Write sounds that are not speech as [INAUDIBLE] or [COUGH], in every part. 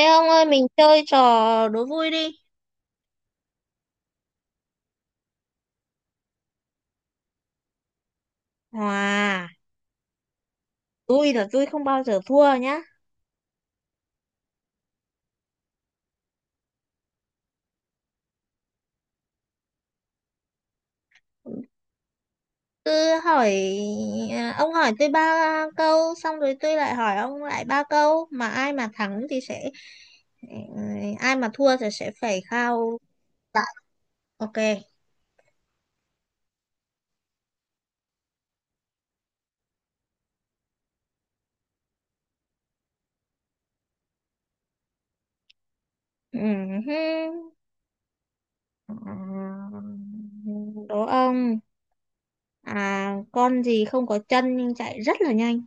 Ê ông ơi, mình chơi trò đố vui đi. Hòa. Vui là vui không bao giờ thua nhá. Cứ hỏi. À, ông hỏi tôi ba câu. Xong rồi tôi lại hỏi ông lại ba câu. Mà ai mà thắng thì sẽ, ừ, ai mà thua thì sẽ phải khao lại. Ok. Ừ hứ. Ừ, đố ông. À, con gì không có chân nhưng chạy rất là nhanh?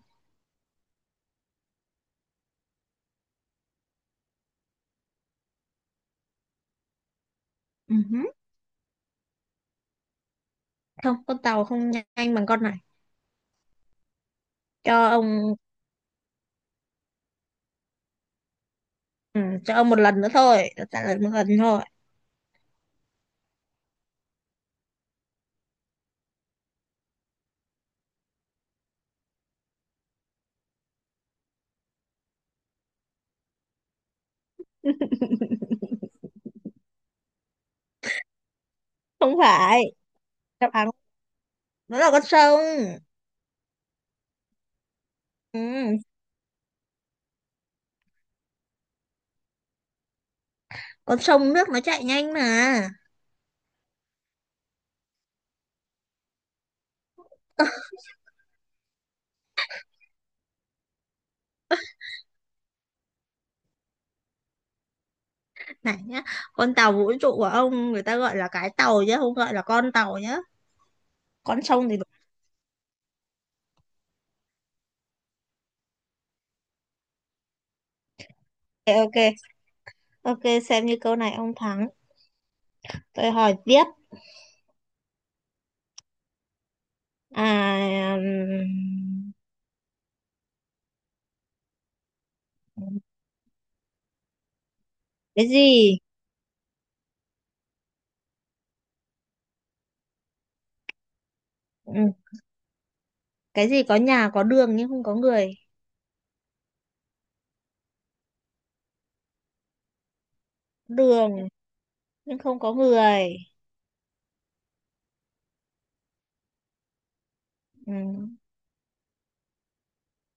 Ừ hứ. Không, con tàu không nhanh bằng con này. Cho ông. Ừ, cho ông một lần nữa thôi, tôi trả lời một lần thôi. Không phải, đáp án nó là con sông. Ừ, con sông nước nó chạy nhanh mà. Này nhá, con tàu vũ trụ của ông người ta gọi là cái tàu chứ không gọi là con tàu nhá. Con sông thì ok, ok, ok, xem như câu này ông thắng. Tôi hỏi tiếp. À, ừm, cái gì? Ừ, cái gì có nhà có đường nhưng không có người? Đường nhưng không có người. Ừ.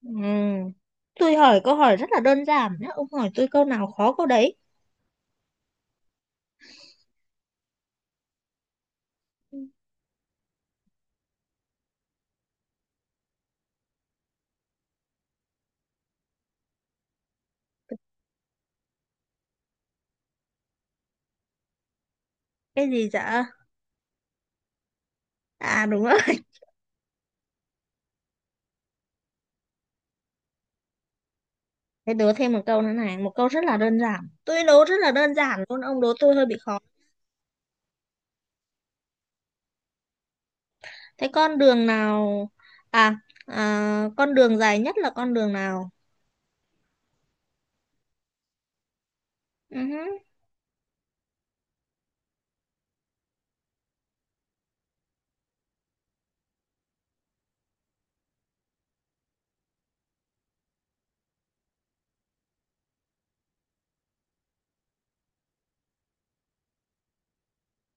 Ừm, Tôi hỏi câu hỏi rất là đơn giản nhá. Ông hỏi tôi câu nào khó câu đấy. Cái gì dạ? À, đúng rồi. [LAUGHS] Thế đố thêm một câu nữa này. Một câu rất là đơn giản. Tôi đố rất là đơn giản luôn. Ông đố tôi hơi bị khó. Thế con đường nào... À, con đường dài nhất là con đường nào? Ừ hứ.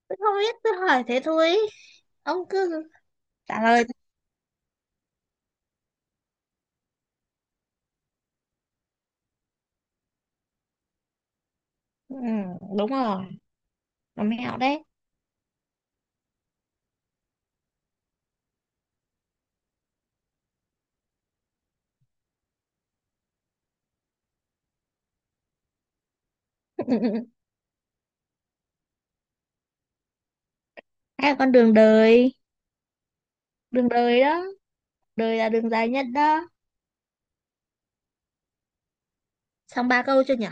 Tôi không biết. Tôi hỏi thế thôi. Ông cứ trả lời. Ừ, đúng rồi. Nó mẹo đấy. [LAUGHS] Hay là con đường đời. Đường đời đó. Đời là đường dài nhất đó. Xong ba câu chưa nhỉ?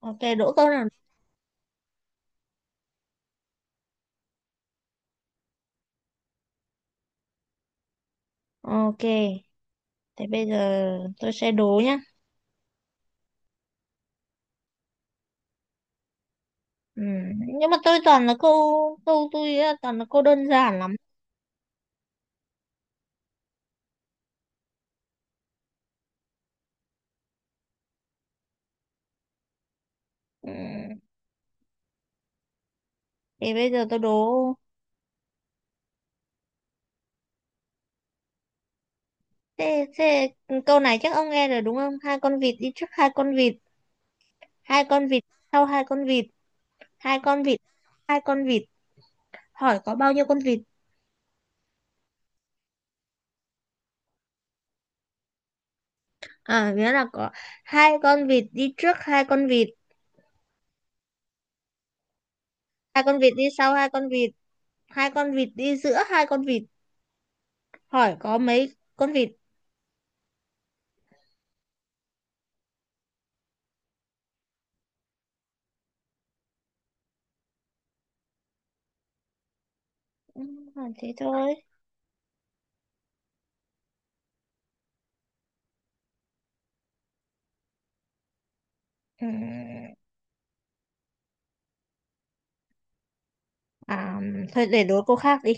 Ok, đố câu nào? Ok, thế bây giờ tôi sẽ đố nhá. Ừ. Nhưng mà tôi toàn là câu câu tôi á, toàn là câu đơn giản lắm. Ừ. Thì bây giờ tôi đố thế, thế câu này chắc ông nghe rồi đúng không? Hai con vịt đi trước hai con vịt sau hai con vịt, hai con vịt, hai con vịt. Hỏi có bao nhiêu con vịt? À, nghĩa là có hai con vịt đi trước hai con vịt đi sau hai con vịt đi giữa hai con vịt. Hỏi có mấy con vịt? Ừ, thế thôi. Ừ. À, thôi để đố câu khác đi,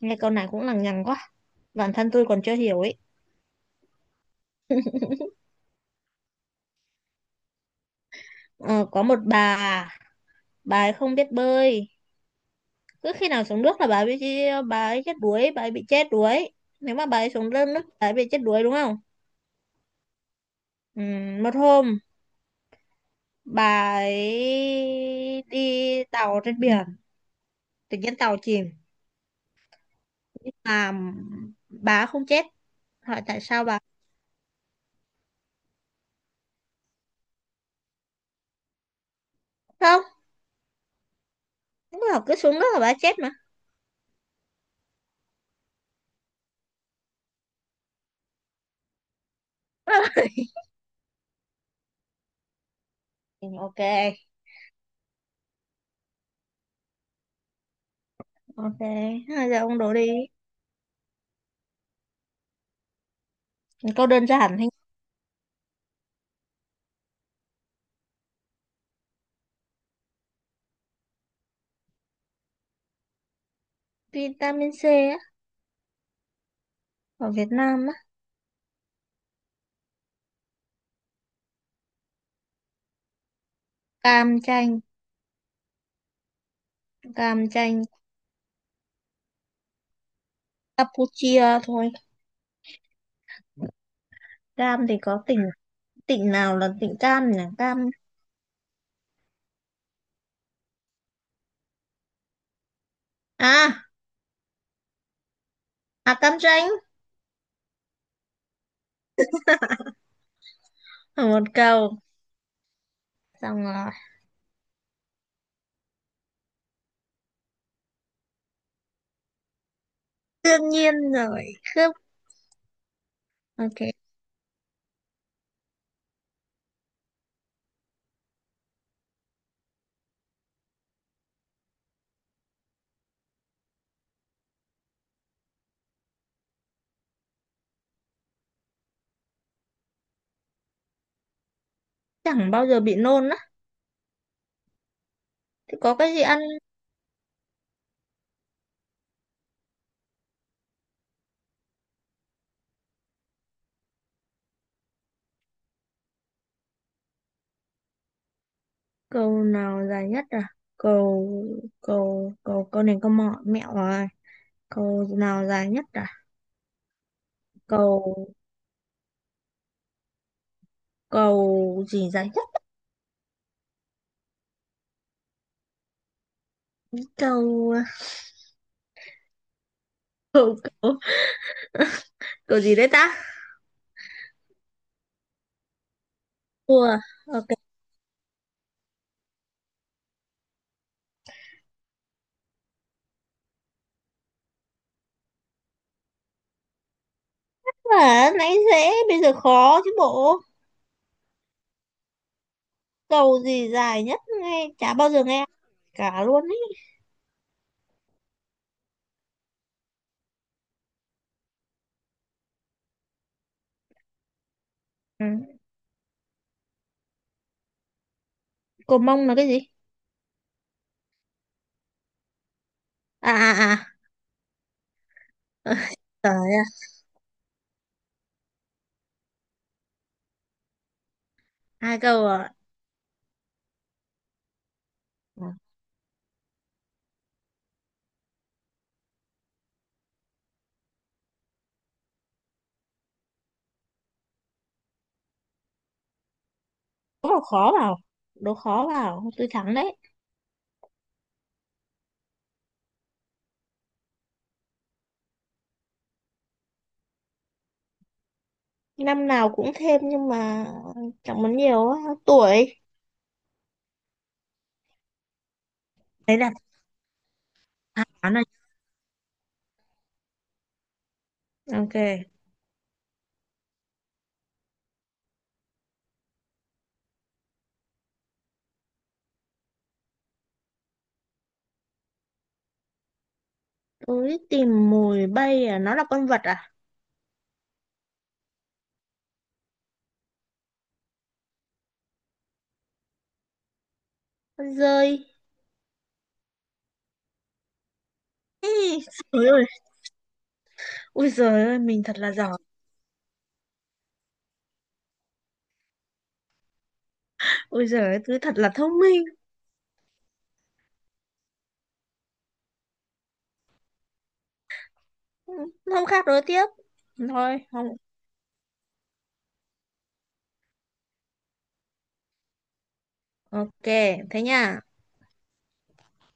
nghe câu này cũng lằng nhằng quá, bản thân tôi còn chưa hiểu ấy. Ờ, có một bà ấy không biết bơi, cứ khi nào xuống nước là bà ấy bị, bà ấy chết đuối, bà ấy bị chết đuối. Nếu mà bà ấy xuống lên nước bà ấy bị chết đuối đúng không? Ừ, một hôm bà ấy đi tàu trên biển, tự nhiên tàu chìm nhưng mà bà ấy không chết. Hỏi tại sao? Bà không, lúc nào cứ xuống nước là bà ấy chết mà. [LAUGHS] Ừ, ok. Ok, hai, giờ ông đố đi. Câu đơn giản thôi. Vitamin C á, ở Việt Nam á, cam chanh, cam chanh, Campuchia thôi. Cam thì có tỉnh tỉnh nào là tỉnh cam nhỉ? Cam. à, Cam chanh ở một cầu. Xong rồi. Đương nhiên rồi. Khớp. Ok, chẳng bao giờ bị nôn á. Thì có cái gì ăn cầu nào dài nhất à? Cầu cầu cầu cầu này câu mẹo rồi. Cầu nào dài nhất à? Cầu cầu gì dài nhất? Câu câu câu, câu gì đấy ta? Cua à? Ok. Mà nãy dễ bây giờ khó chứ bộ. Cầu gì dài nhất nghe chả bao giờ nghe cả luôn ấy. Ừ. Cầu mông là cái gì? À à à. Ờ, trời ơi, hai câu rồi. Ờ, đố vào khó vào, đố khó vào tôi thắng đấy. Năm nào cũng thêm nhưng mà chẳng muốn nhiều á. Tuổi. Đấy là đáp án này. Ok. Tôi tìm mồi bay à, nó là con vật à? Con dơi. Ê, trời ơi. Ui giời ơi, mình thật là giỏi. Ui giời ơi, cứ thật là thông minh. Ừ, hôm khác đối tiếp. Thôi không. Ok, thế nha.